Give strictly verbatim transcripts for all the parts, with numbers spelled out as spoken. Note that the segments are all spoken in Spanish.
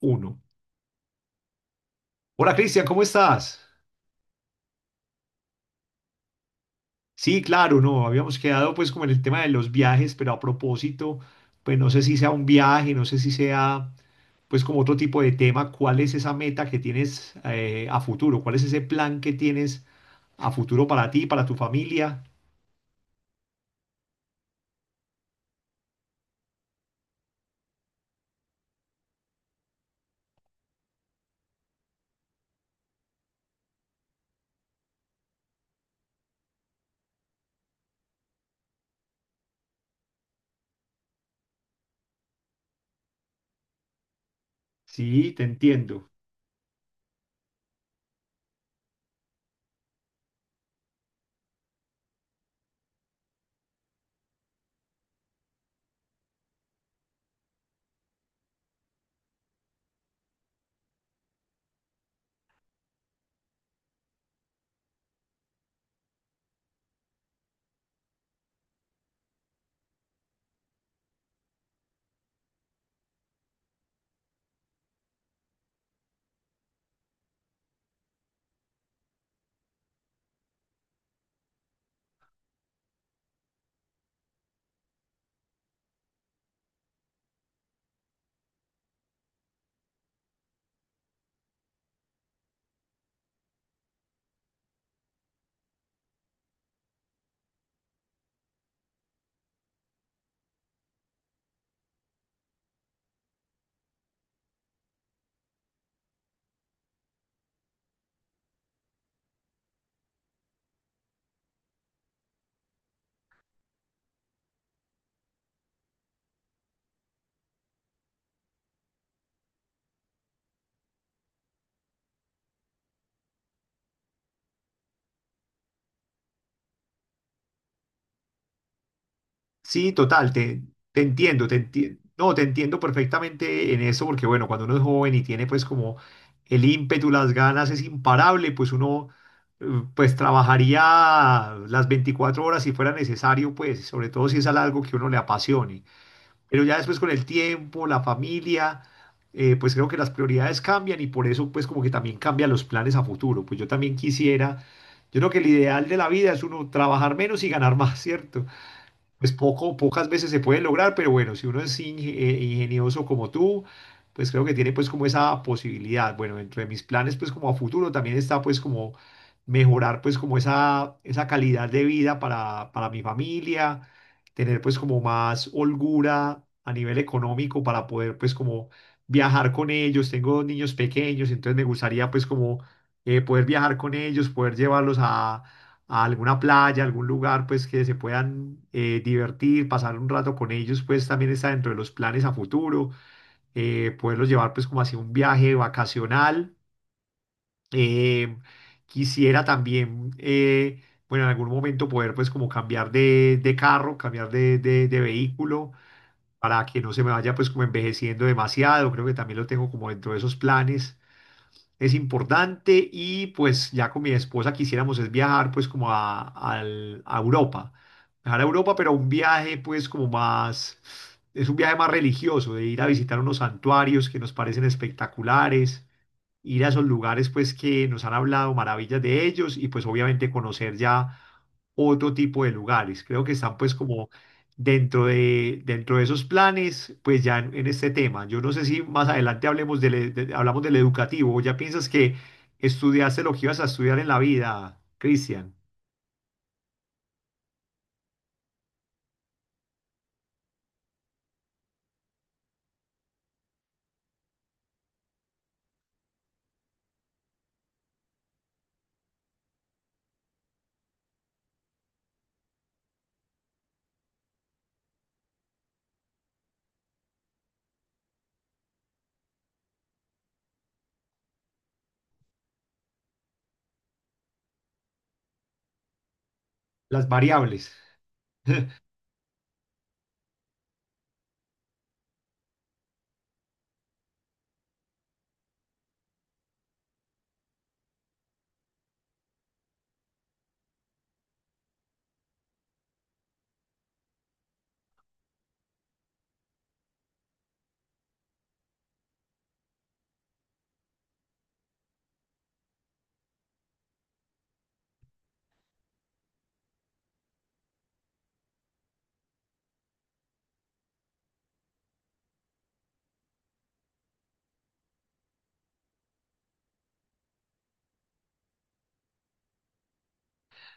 Uno. Hola Cristian, ¿cómo estás? Sí, claro, no, habíamos quedado pues como en el tema de los viajes, pero a propósito, pues no sé si sea un viaje, no sé si sea pues como otro tipo de tema. ¿Cuál es esa meta que tienes eh, a futuro? ¿Cuál es ese plan que tienes a futuro para ti, para tu familia? Sí, te entiendo. Sí, total, te, te entiendo, te entiendo, no, te entiendo perfectamente en eso, porque bueno, cuando uno es joven y tiene pues como el ímpetu, las ganas, es imparable, pues uno eh, pues trabajaría las veinticuatro horas si fuera necesario, pues, sobre todo si es algo que uno le apasione. Pero ya después con el tiempo, la familia, eh, pues creo que las prioridades cambian y por eso pues como que también cambian los planes a futuro. Pues yo también quisiera, yo creo que el ideal de la vida es uno trabajar menos y ganar más, ¿cierto? Pues poco, pocas veces se pueden lograr, pero bueno, si uno es inge- eh, ingenioso como tú, pues creo que tiene pues como esa posibilidad. Bueno, dentro de mis planes pues como a futuro también está pues como mejorar pues como esa, esa calidad de vida para, para mi familia, tener pues como más holgura a nivel económico para poder pues como viajar con ellos. Tengo dos niños pequeños, entonces me gustaría pues como eh, poder viajar con ellos, poder llevarlos a a alguna playa, algún lugar, pues que se puedan eh, divertir, pasar un rato con ellos, pues también está dentro de los planes a futuro, eh, poderlos llevar pues como hacia un viaje vacacional. Eh, quisiera también, eh, bueno, en algún momento poder pues como cambiar de, de carro, cambiar de, de, de vehículo, para que no se me vaya pues como envejeciendo demasiado. Creo que también lo tengo como dentro de esos planes, es importante, y pues ya con mi esposa quisiéramos es viajar pues como a, al- a Europa, viajar a Europa, pero un viaje pues como más, es un viaje más religioso, de ir a visitar unos santuarios que nos parecen espectaculares, ir a esos lugares pues que nos han hablado maravillas de ellos y pues obviamente conocer ya otro tipo de lugares. Creo que están pues como dentro de, dentro de esos planes, pues ya en, en este tema. Yo no sé si más adelante hablemos del, e- de- hablamos del educativo. ¿O ya piensas que estudiaste lo que ibas a estudiar en la vida, Cristian? Las variables.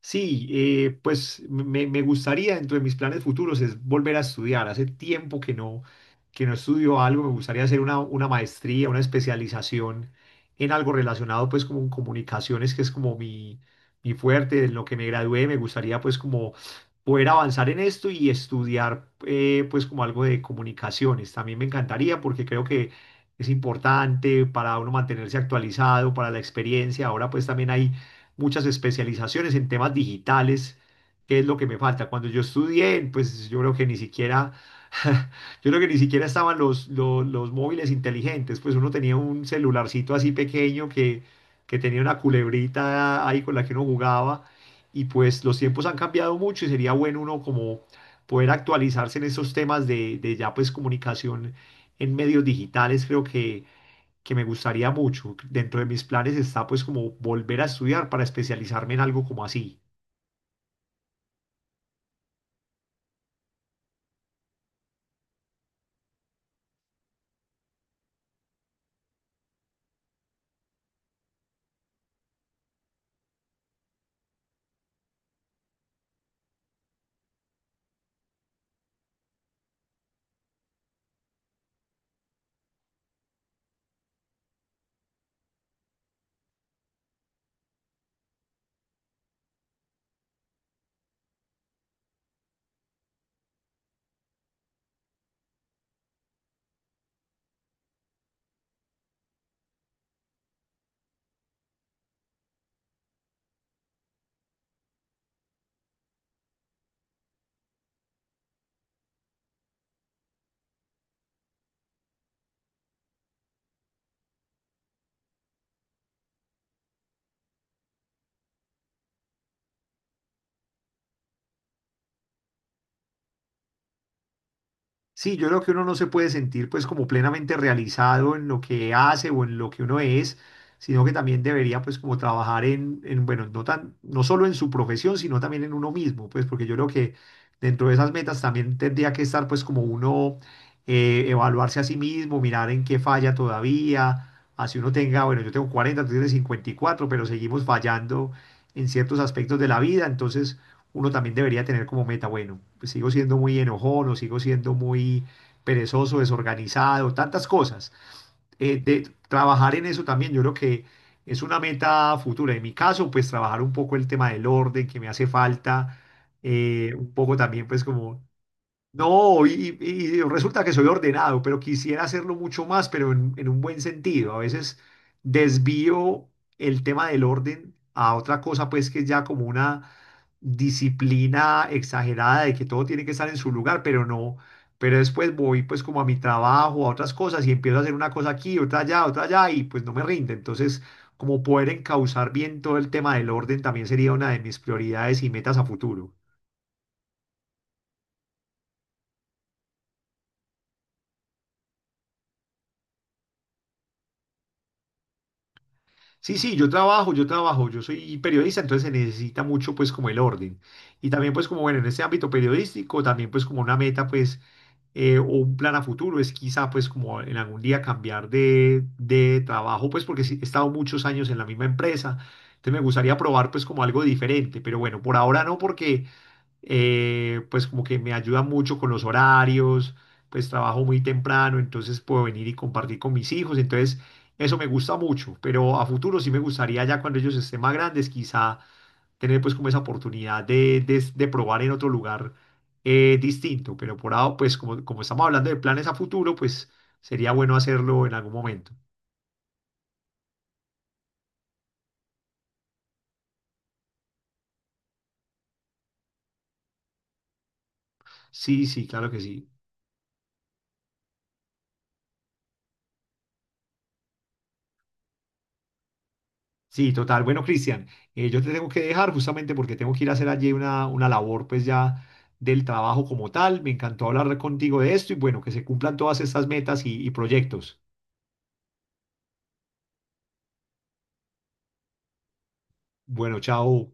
Sí, eh, pues me, me gustaría, dentro de mis planes futuros, es volver a estudiar. Hace tiempo que no, que no estudio algo, me gustaría hacer una, una maestría, una especialización en algo relacionado pues como en comunicaciones, que es como mi, mi fuerte, en lo que me gradué, me gustaría pues como poder avanzar en esto y estudiar eh, pues como algo de comunicaciones. También me encantaría porque creo que es importante para uno mantenerse actualizado, para la experiencia. Ahora pues también hay muchas especializaciones en temas digitales, que es lo que me falta. Cuando yo estudié, pues yo creo que ni siquiera, yo creo que ni siquiera estaban los, los, los móviles inteligentes, pues uno tenía un celularcito así pequeño que, que tenía una culebrita ahí con la que uno jugaba, y pues los tiempos han cambiado mucho y sería bueno uno como poder actualizarse en esos temas de, de ya pues comunicación en medios digitales. Creo que que me gustaría mucho. Dentro de mis planes está pues como volver a estudiar para especializarme en algo como así. Sí, yo creo que uno no se puede sentir pues como plenamente realizado en lo que hace o en lo que uno es, sino que también debería pues como trabajar en, en, bueno, no tan, no solo en su profesión, sino también en uno mismo, pues porque yo creo que dentro de esas metas también tendría que estar pues como uno eh, evaluarse a sí mismo, mirar en qué falla todavía, así uno tenga, bueno, yo tengo cuarenta, tú tienes cincuenta y cuatro, pero seguimos fallando en ciertos aspectos de la vida. Entonces, uno también debería tener como meta, bueno, pues sigo siendo muy enojón, o sigo siendo muy perezoso, desorganizado, tantas cosas. Eh, de trabajar en eso también, yo creo que es una meta futura. En mi caso, pues trabajar un poco el tema del orden que me hace falta, eh, un poco también pues como, no, y, y- y resulta que soy ordenado, pero quisiera hacerlo mucho más, pero en, en un buen sentido. A veces desvío el tema del orden a otra cosa, pues que es ya como una disciplina exagerada de que todo tiene que estar en su lugar, pero no, pero después voy pues como a mi trabajo, a otras cosas y empiezo a hacer una cosa aquí, otra allá, otra allá y pues no me rinde. Entonces, como poder encauzar bien todo el tema del orden también sería una de mis prioridades y metas a futuro. Sí, sí, yo trabajo, yo trabajo, yo soy periodista, entonces se necesita mucho pues como el orden. Y también pues como bueno, en este ámbito periodístico, también pues como una meta pues eh, o un plan a futuro es quizá pues como en algún día cambiar de, de trabajo, pues porque sí, he estado muchos años en la misma empresa, entonces me gustaría probar pues como algo diferente, pero bueno, por ahora no porque eh, pues como que me ayuda mucho con los horarios, pues trabajo muy temprano, entonces puedo venir y compartir con mis hijos, entonces eso me gusta mucho. Pero a futuro sí me gustaría ya cuando ellos estén más grandes, quizá tener pues como esa oportunidad de, de- de probar en otro lugar eh, distinto, pero por ahora pues como, como estamos hablando de planes a futuro, pues sería bueno hacerlo en algún momento. Sí, sí, claro que sí. Sí, total. Bueno, Cristian, eh, yo te tengo que dejar justamente porque tengo que ir a hacer allí una, una labor pues ya del trabajo como tal. Me encantó hablar contigo de esto y bueno, que se cumplan todas estas metas y y proyectos. Bueno, chao.